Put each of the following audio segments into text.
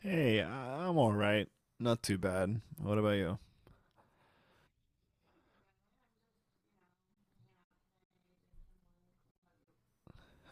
All right. Not too bad. What about you?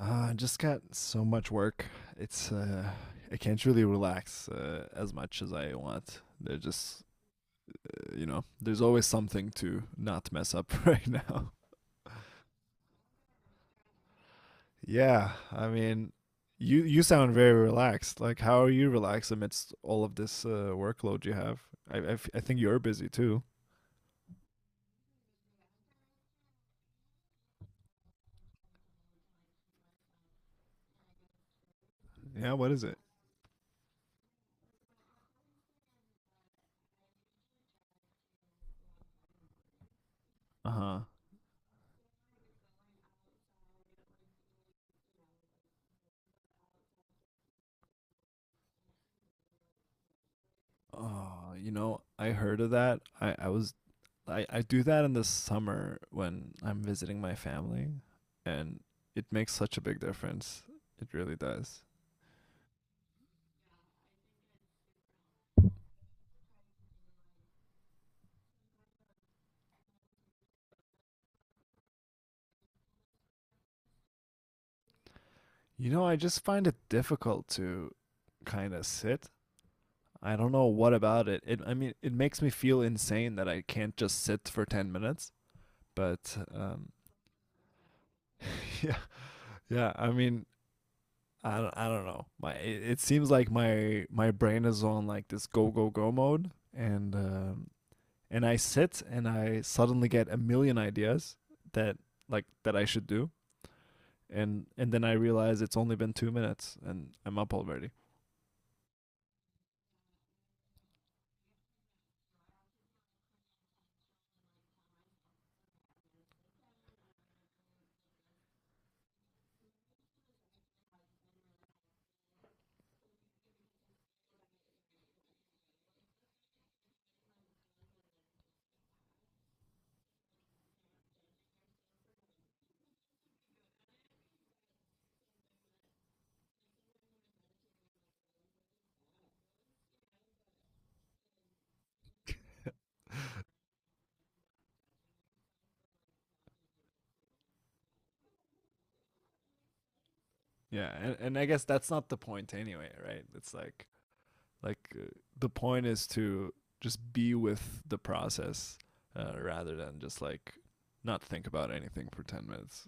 I just got so much work. It's I can't really relax as much as I want. There's just, you know, there's always something to not mess up right now. Yeah, I mean, you sound very relaxed. Like, how are you relaxed amidst all of this workload you have? I think you're busy too. Yeah, what is it? Uh huh. Oh, you know, I heard of that. I do that in the summer when I'm visiting my family, and it makes such a big difference. It really does. You know, I just find it difficult to kind of sit. I don't know what about it. I mean, it makes me feel insane that I can't just sit for 10 minutes, but yeah. Yeah, I mean, I don't know. My it seems like my brain is on like this go go go mode and um and I sit and I suddenly get a million ideas that like that I should do and then I realize it's only been 2 minutes and I'm up already. Yeah, and I guess that's not the point anyway, right? It's like the point is to just be with the process rather than just like not think about anything for 10 minutes.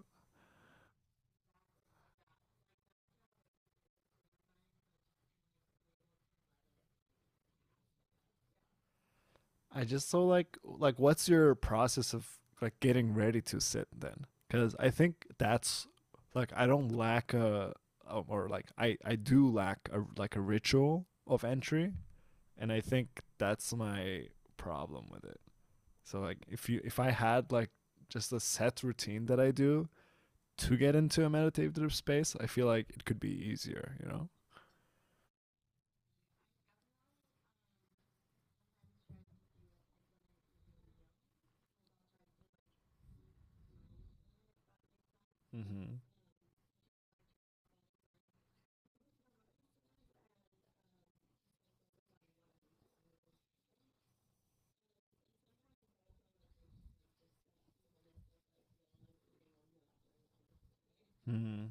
I just so like what's your process of like getting ready to sit then? Because I think that's like I don't lack a or like I do lack a like a ritual of entry, and I think that's my problem with it. So like if I had like just a set routine that I do to get into a meditative space, I feel like it could be easier. You know. Mm-hmm. Mm-hmm.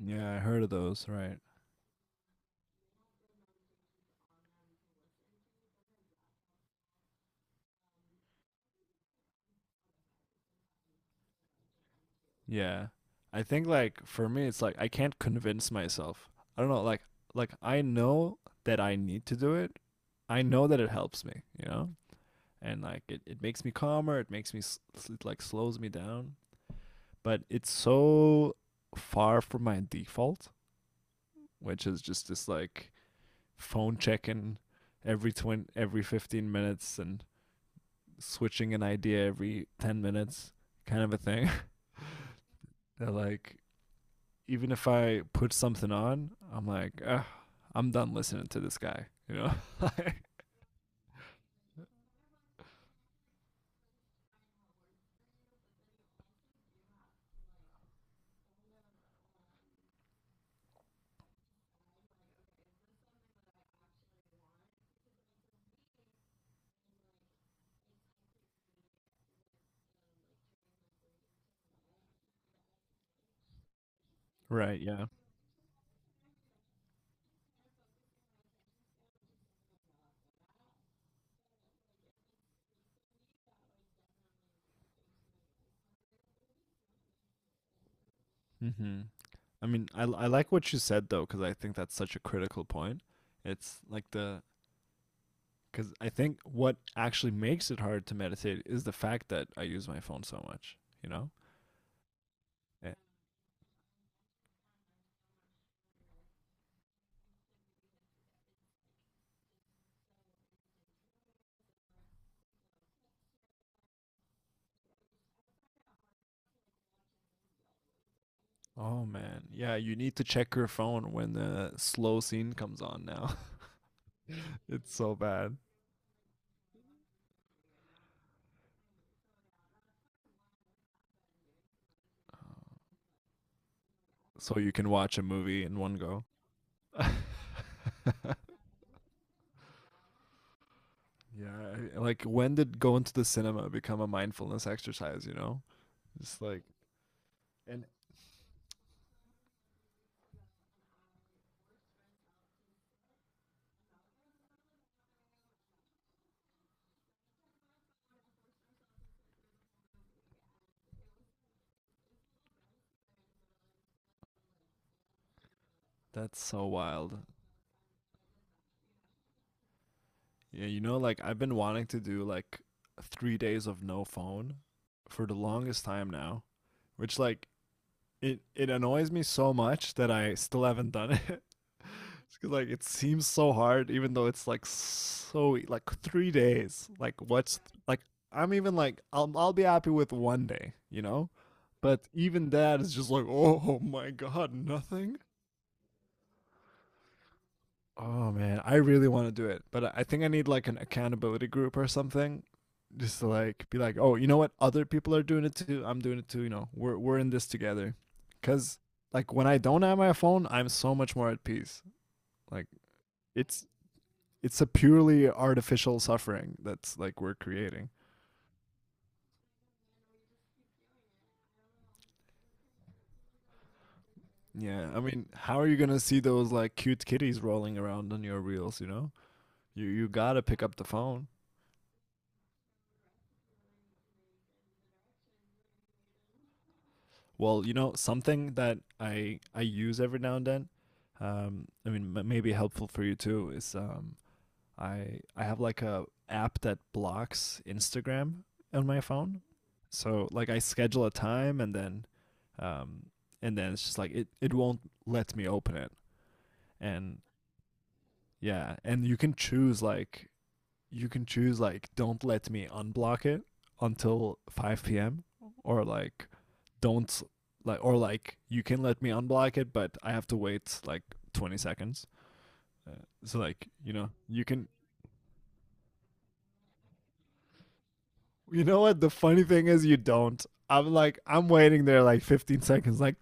Yeah, I heard of those. Right. Yeah. I think like for me it's like I can't convince myself. I don't know, I know that I need to do it. I know that it helps me, you know? And it makes me calmer, it makes me s- s- it like slows me down, but it's so far from my default, which is just this like phone check-in every 20 every 15 minutes and switching an idea every 10 minutes kind of a thing. they like even if I put something on, I'm like, "Ugh, I'm done listening to this guy, you know? Right, yeah. Hmm. I mean, I like what you said though, because I think that's such a critical point. It's like the, because I think what actually makes it hard to meditate is the fact that I use my phone so much, you know? Eh, Oh man, yeah, you need to check your phone when the slow scene comes on now. It's so bad. So you can watch a movie in one go. Yeah, like when did going to the cinema become a mindfulness exercise, you know? It's like that's so wild. Yeah, you know like I've been wanting to do like 3 days of no phone for the longest time now, which like it annoys me so much that I still haven't done it. It's 'cause, like it seems so hard, even though it's like like 3 days. Like what's like I'm even like I'll be happy with one day, you know, but even that is just like oh my god, nothing. Oh man, I really want to do it, but I think I need like an accountability group or something, just to like be like, oh, you know what? Other people are doing it too. I'm doing it too. You know, we're in this together. Cause like when I don't have my phone, I'm so much more at peace. Like it's it's a purely artificial suffering that's like we're creating. Yeah, I mean, how are you gonna see those like cute kitties rolling around on your reels? You know, you gotta pick up the phone. Well, you know, something that I use every now and then, I mean, maybe helpful for you too, is I have like a app that blocks Instagram on my phone. So like I schedule a time um, and then it's just like it won't let me open it. And yeah, and you can choose like you can choose like don't let me unblock it until 5 p.m. or like don't like or like you can let me unblock it but I have to wait like 20 seconds. Uh, so like, you know, you know what the funny thing is? You don't. I'm waiting there like 15 seconds like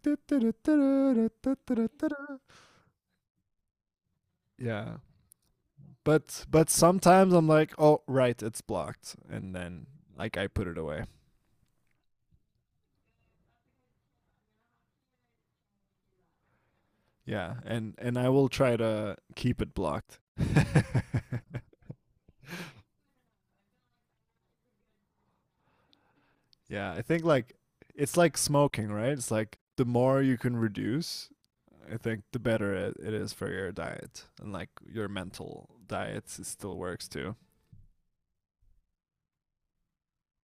yeah. But sometimes I'm like, "Oh, right, it's blocked." And then like I put it away. Yeah, and I will try to keep it blocked. Yeah, I think like it's like smoking, right? It's like the more you can reduce, I think the better it is for your diet. And like your mental diet still works too.